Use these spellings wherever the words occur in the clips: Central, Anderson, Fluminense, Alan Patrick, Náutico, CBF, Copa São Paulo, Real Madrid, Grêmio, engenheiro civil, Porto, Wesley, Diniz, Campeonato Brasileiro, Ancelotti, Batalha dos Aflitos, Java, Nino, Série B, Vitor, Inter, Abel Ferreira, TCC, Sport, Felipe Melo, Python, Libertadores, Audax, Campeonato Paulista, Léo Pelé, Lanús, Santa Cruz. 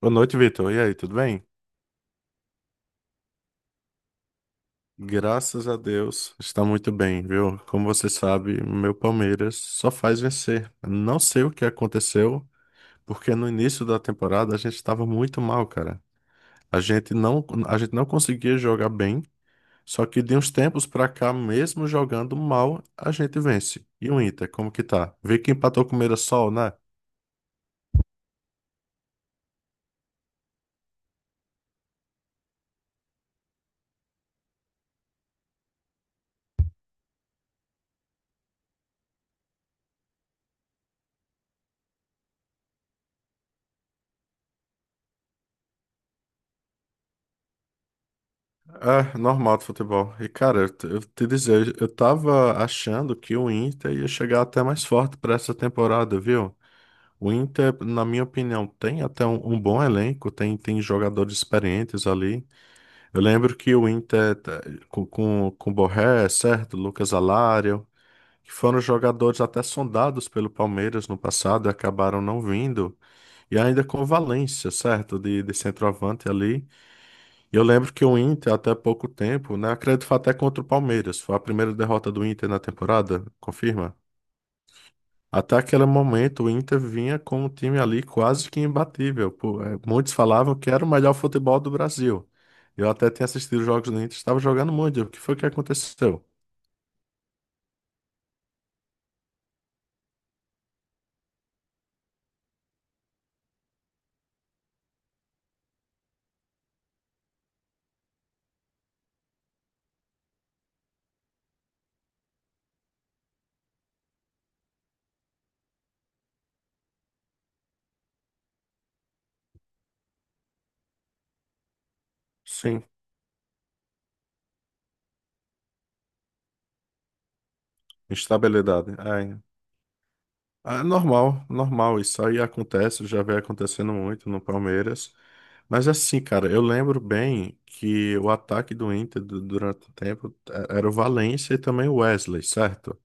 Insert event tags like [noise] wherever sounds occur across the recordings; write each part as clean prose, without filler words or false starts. Boa noite, Vitor. E aí, tudo bem? Graças a Deus, está muito bem, viu? Como você sabe, meu Palmeiras só faz vencer. Não sei o que aconteceu, porque no início da temporada a gente estava muito mal, cara. A gente não conseguia jogar bem, só que de uns tempos pra cá, mesmo jogando mal, a gente vence. E o Inter, como que tá? Vê que empatou com o Mirassol, né? É, normal do futebol. E, cara, eu te dizer, eu tava achando que o Inter ia chegar até mais forte para essa temporada, viu? O Inter, na minha opinião, tem até um bom elenco, tem jogadores experientes ali. Eu lembro que o Inter, tá, com Borré, é certo? Lucas Alário, que foram jogadores até sondados pelo Palmeiras no passado e acabaram não vindo. E ainda com o Valência, certo? De centroavante ali. Eu lembro que o Inter, até pouco tempo, né? Acredito que foi até contra o Palmeiras. Foi a primeira derrota do Inter na temporada, confirma? Até aquele momento, o Inter vinha com um time ali quase que imbatível. Pô, é, muitos falavam que era o melhor futebol do Brasil. Eu até tinha assistido os jogos do Inter, estava jogando muito. O que foi que aconteceu? Sim, instabilidade. É. Ah, é normal, normal, isso aí acontece, já vem acontecendo muito no Palmeiras. Mas assim, cara, eu lembro bem que o ataque do Inter durante o tempo era o Valencia e também o Wesley, certo?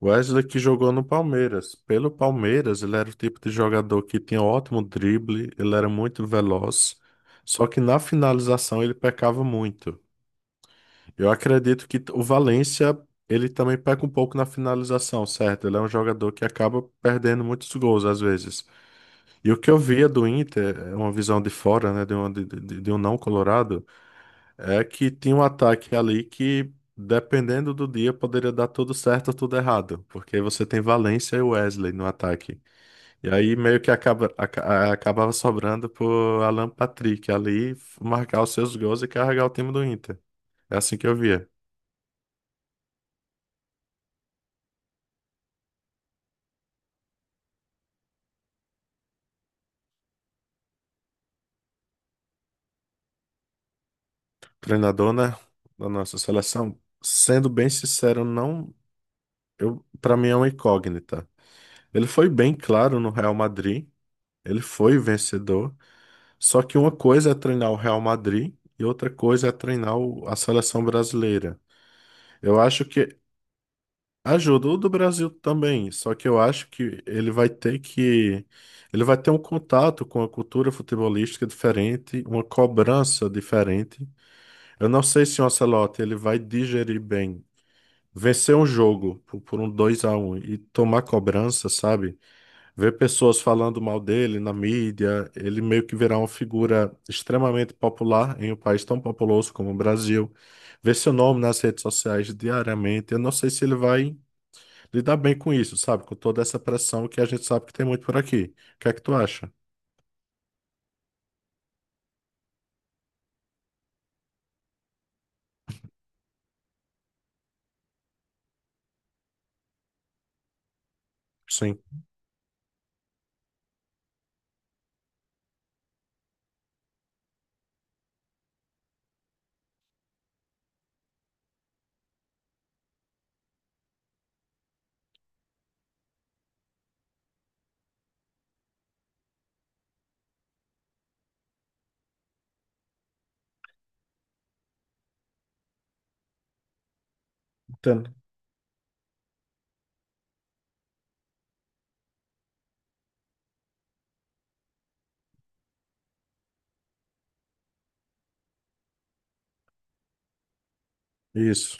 Wesley que jogou no Palmeiras. Pelo Palmeiras, ele era o tipo de jogador que tinha ótimo drible, ele era muito veloz, só que na finalização ele pecava muito. Eu acredito que o Valencia ele também peca um pouco na finalização, certo? Ele é um jogador que acaba perdendo muitos gols às vezes. E o que eu via do Inter, é uma visão de fora, né, de um não colorado, é que tinha um ataque ali que, dependendo do dia, poderia dar tudo certo ou tudo errado, porque você tem Valencia e Wesley no ataque. E aí meio que acabava sobrando pro Alan Patrick ali marcar os seus gols e carregar o time do Inter. É assim que eu via. Treinador, né, da nossa seleção, sendo bem sincero, não, eu, para mim é uma incógnita. Ele foi bem claro no Real Madrid, ele foi vencedor, só que uma coisa é treinar o Real Madrid e outra coisa é treinar a seleção brasileira. Eu acho que ajudou do Brasil também, só que eu acho que ele vai ter um contato com a cultura futebolística diferente, uma cobrança diferente. Eu não sei se o Ancelotti ele vai digerir bem vencer um jogo por um 2 a um e tomar cobrança, sabe? Ver pessoas falando mal dele na mídia, ele meio que virar uma figura extremamente popular em um país tão populoso como o Brasil. Ver seu nome nas redes sociais diariamente, eu não sei se ele vai lidar bem com isso, sabe? Com toda essa pressão que a gente sabe que tem muito por aqui. O que é que tu acha? Sim, entendo. Isso.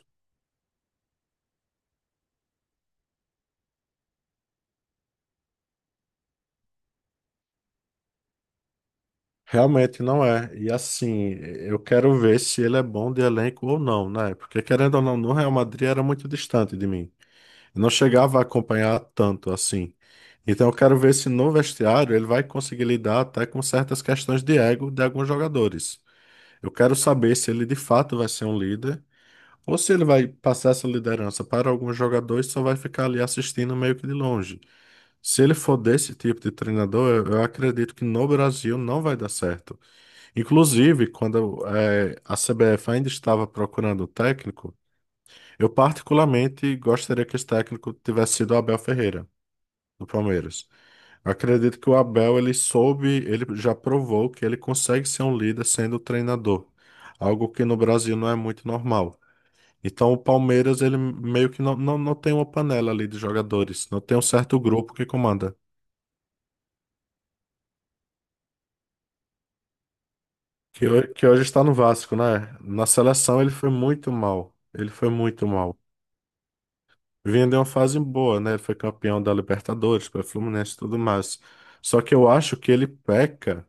Realmente não é. E assim, eu quero ver se ele é bom de elenco ou não, né? Porque querendo ou não, no Real Madrid era muito distante de mim. Eu não chegava a acompanhar tanto assim. Então eu quero ver se no vestiário ele vai conseguir lidar até com certas questões de ego de alguns jogadores. Eu quero saber se ele de fato vai ser um líder ou se ele vai passar essa liderança para alguns jogadores e só vai ficar ali assistindo meio que de longe. Se ele for desse tipo de treinador, eu acredito que no Brasil não vai dar certo. Inclusive, quando a CBF ainda estava procurando o técnico, eu particularmente gostaria que esse técnico tivesse sido o Abel Ferreira, do Palmeiras. Eu acredito que o Abel, ele soube, ele já provou que ele consegue ser um líder sendo treinador, algo que no Brasil não é muito normal. Então, o Palmeiras, ele meio que não tem uma panela ali de jogadores, não tem um certo grupo que comanda. Que, que hoje está no Vasco, né? Na seleção ele foi muito mal. Ele foi muito mal. Vinha de uma fase boa, né? Ele foi campeão da Libertadores, pelo Fluminense e tudo mais. Só que eu acho que ele peca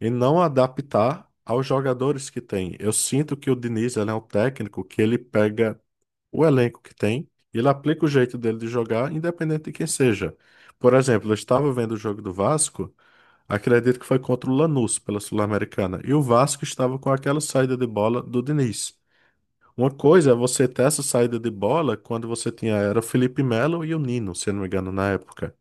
em não adaptar aos jogadores que tem. Eu sinto que o Diniz, ele é um técnico que ele pega o elenco que tem e ele aplica o jeito dele de jogar, independente de quem seja. Por exemplo, eu estava vendo o jogo do Vasco, acredito que foi contra o Lanús pela Sul-Americana, e o Vasco estava com aquela saída de bola do Diniz. Uma coisa é você ter essa saída de bola quando você tinha, era o Felipe Melo e o Nino, se eu não me engano, na época.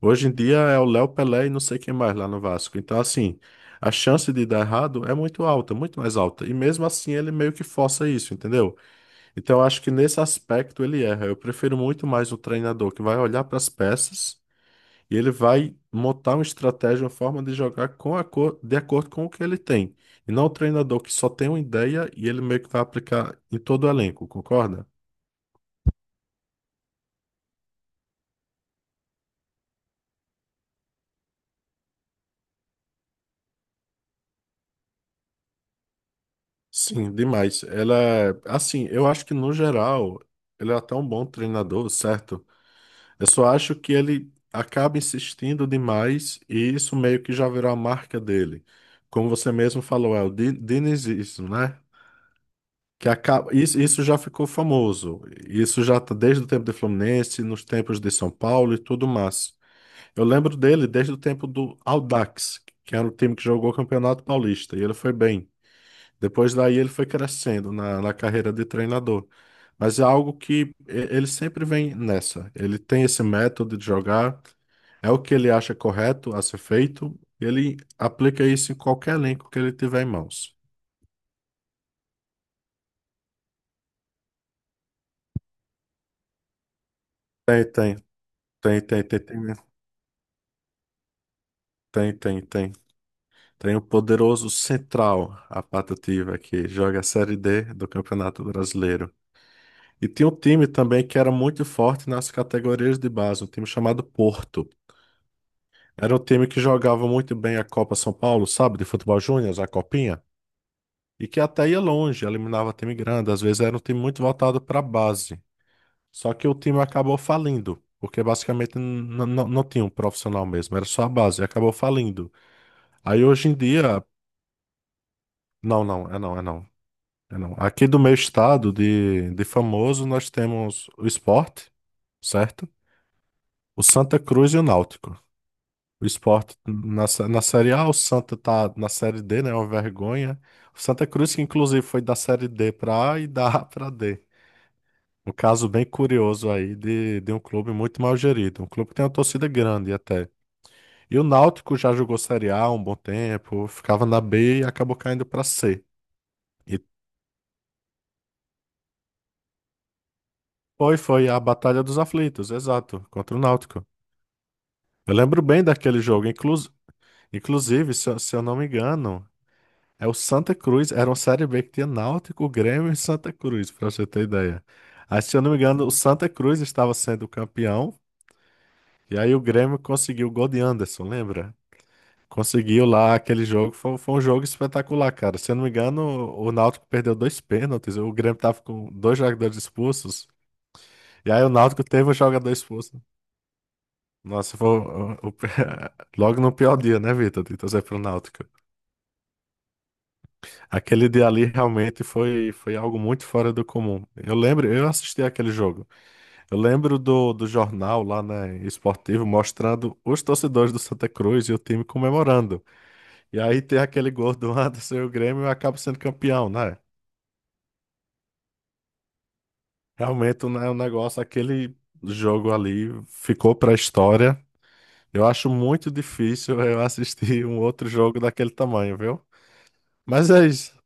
Hoje em dia é o Léo Pelé e não sei quem mais lá no Vasco. Então, assim, a chance de dar errado é muito alta, muito mais alta. E mesmo assim ele meio que força isso, entendeu? Então, eu acho que nesse aspecto ele erra. Eu prefiro muito mais o treinador que vai olhar para as peças e ele vai montar uma estratégia, uma forma de jogar com a cor, de acordo com o que ele tem. E não o treinador que só tem uma ideia e ele meio que vai aplicar em todo o elenco, concorda? Sim, demais. Ela, é- assim, eu acho que no geral ele é até um bom treinador, certo? Eu só acho que ele acaba insistindo demais e isso meio que já virou a marca dele. Como você mesmo falou, é o dinizismo, né? Que acaba, isso já ficou famoso. Isso já tá desde o tempo do Fluminense, nos tempos de São Paulo e tudo mais. Eu lembro dele desde o tempo do Audax, que era o time que jogou o Campeonato Paulista, e ele foi bem. Depois daí ele foi crescendo na carreira de treinador. Mas é algo que ele sempre vem nessa. Ele tem esse método de jogar, é o que ele acha correto a ser feito, ele aplica isso em qualquer elenco que ele tiver em mãos. Tem, tem, tem, tem, tem, tem, tem, tem, tem. Tem o poderoso Central, a patativa, que joga a Série D do Campeonato Brasileiro. E tinha um time também que era muito forte nas categorias de base, um time chamado Porto. Era um time que jogava muito bem a Copa São Paulo, sabe, de futebol júnior, a Copinha, e que até ia longe, eliminava time grande, às vezes era um time muito voltado para a base. Só que o time acabou falindo, porque basicamente não tinha um profissional mesmo, era só a base, e acabou falindo. Aí hoje em dia, não, é não. É, não. Aqui do meu estado de famoso, nós temos o Sport, certo? O Santa Cruz e o Náutico. O Sport na Série A, o Santa tá na Série D, né? É uma vergonha. O Santa Cruz, que inclusive foi da Série D pra A e da A pra D. Um caso bem curioso aí de um clube muito mal gerido. Um clube que tem uma torcida grande até. E o Náutico já jogou Série A um bom tempo, ficava na B e acabou caindo pra C. E foi a Batalha dos Aflitos, exato, contra o Náutico. Eu lembro bem daquele jogo, inclusive, se eu não me engano, é o Santa Cruz, era uma Série B que tinha Náutico, Grêmio e Santa Cruz, pra você ter ideia. Aí, se eu não me engano, o Santa Cruz estava sendo campeão, e aí o Grêmio conseguiu o gol de Anderson, lembra? Conseguiu lá aquele jogo, foi um jogo espetacular, cara. Se eu não me engano, o Náutico perdeu dois pênaltis, o Grêmio tava com dois jogadores expulsos, e aí o Náutico teve um jogador expulso. Nossa, foi [laughs] logo no pior dia, né, Vitor? De torcer pro Náutico. Aquele dia ali realmente foi algo muito fora do comum. Eu lembro, eu assisti aquele jogo. Eu lembro do jornal lá, né, esportivo, mostrando os torcedores do Santa Cruz e o time comemorando. E aí tem aquele gol do Anderson e o Grêmio acaba sendo campeão, né? Realmente, né, o negócio, aquele jogo ali ficou pra história. Eu acho muito difícil eu assistir um outro jogo daquele tamanho, viu? Mas é isso.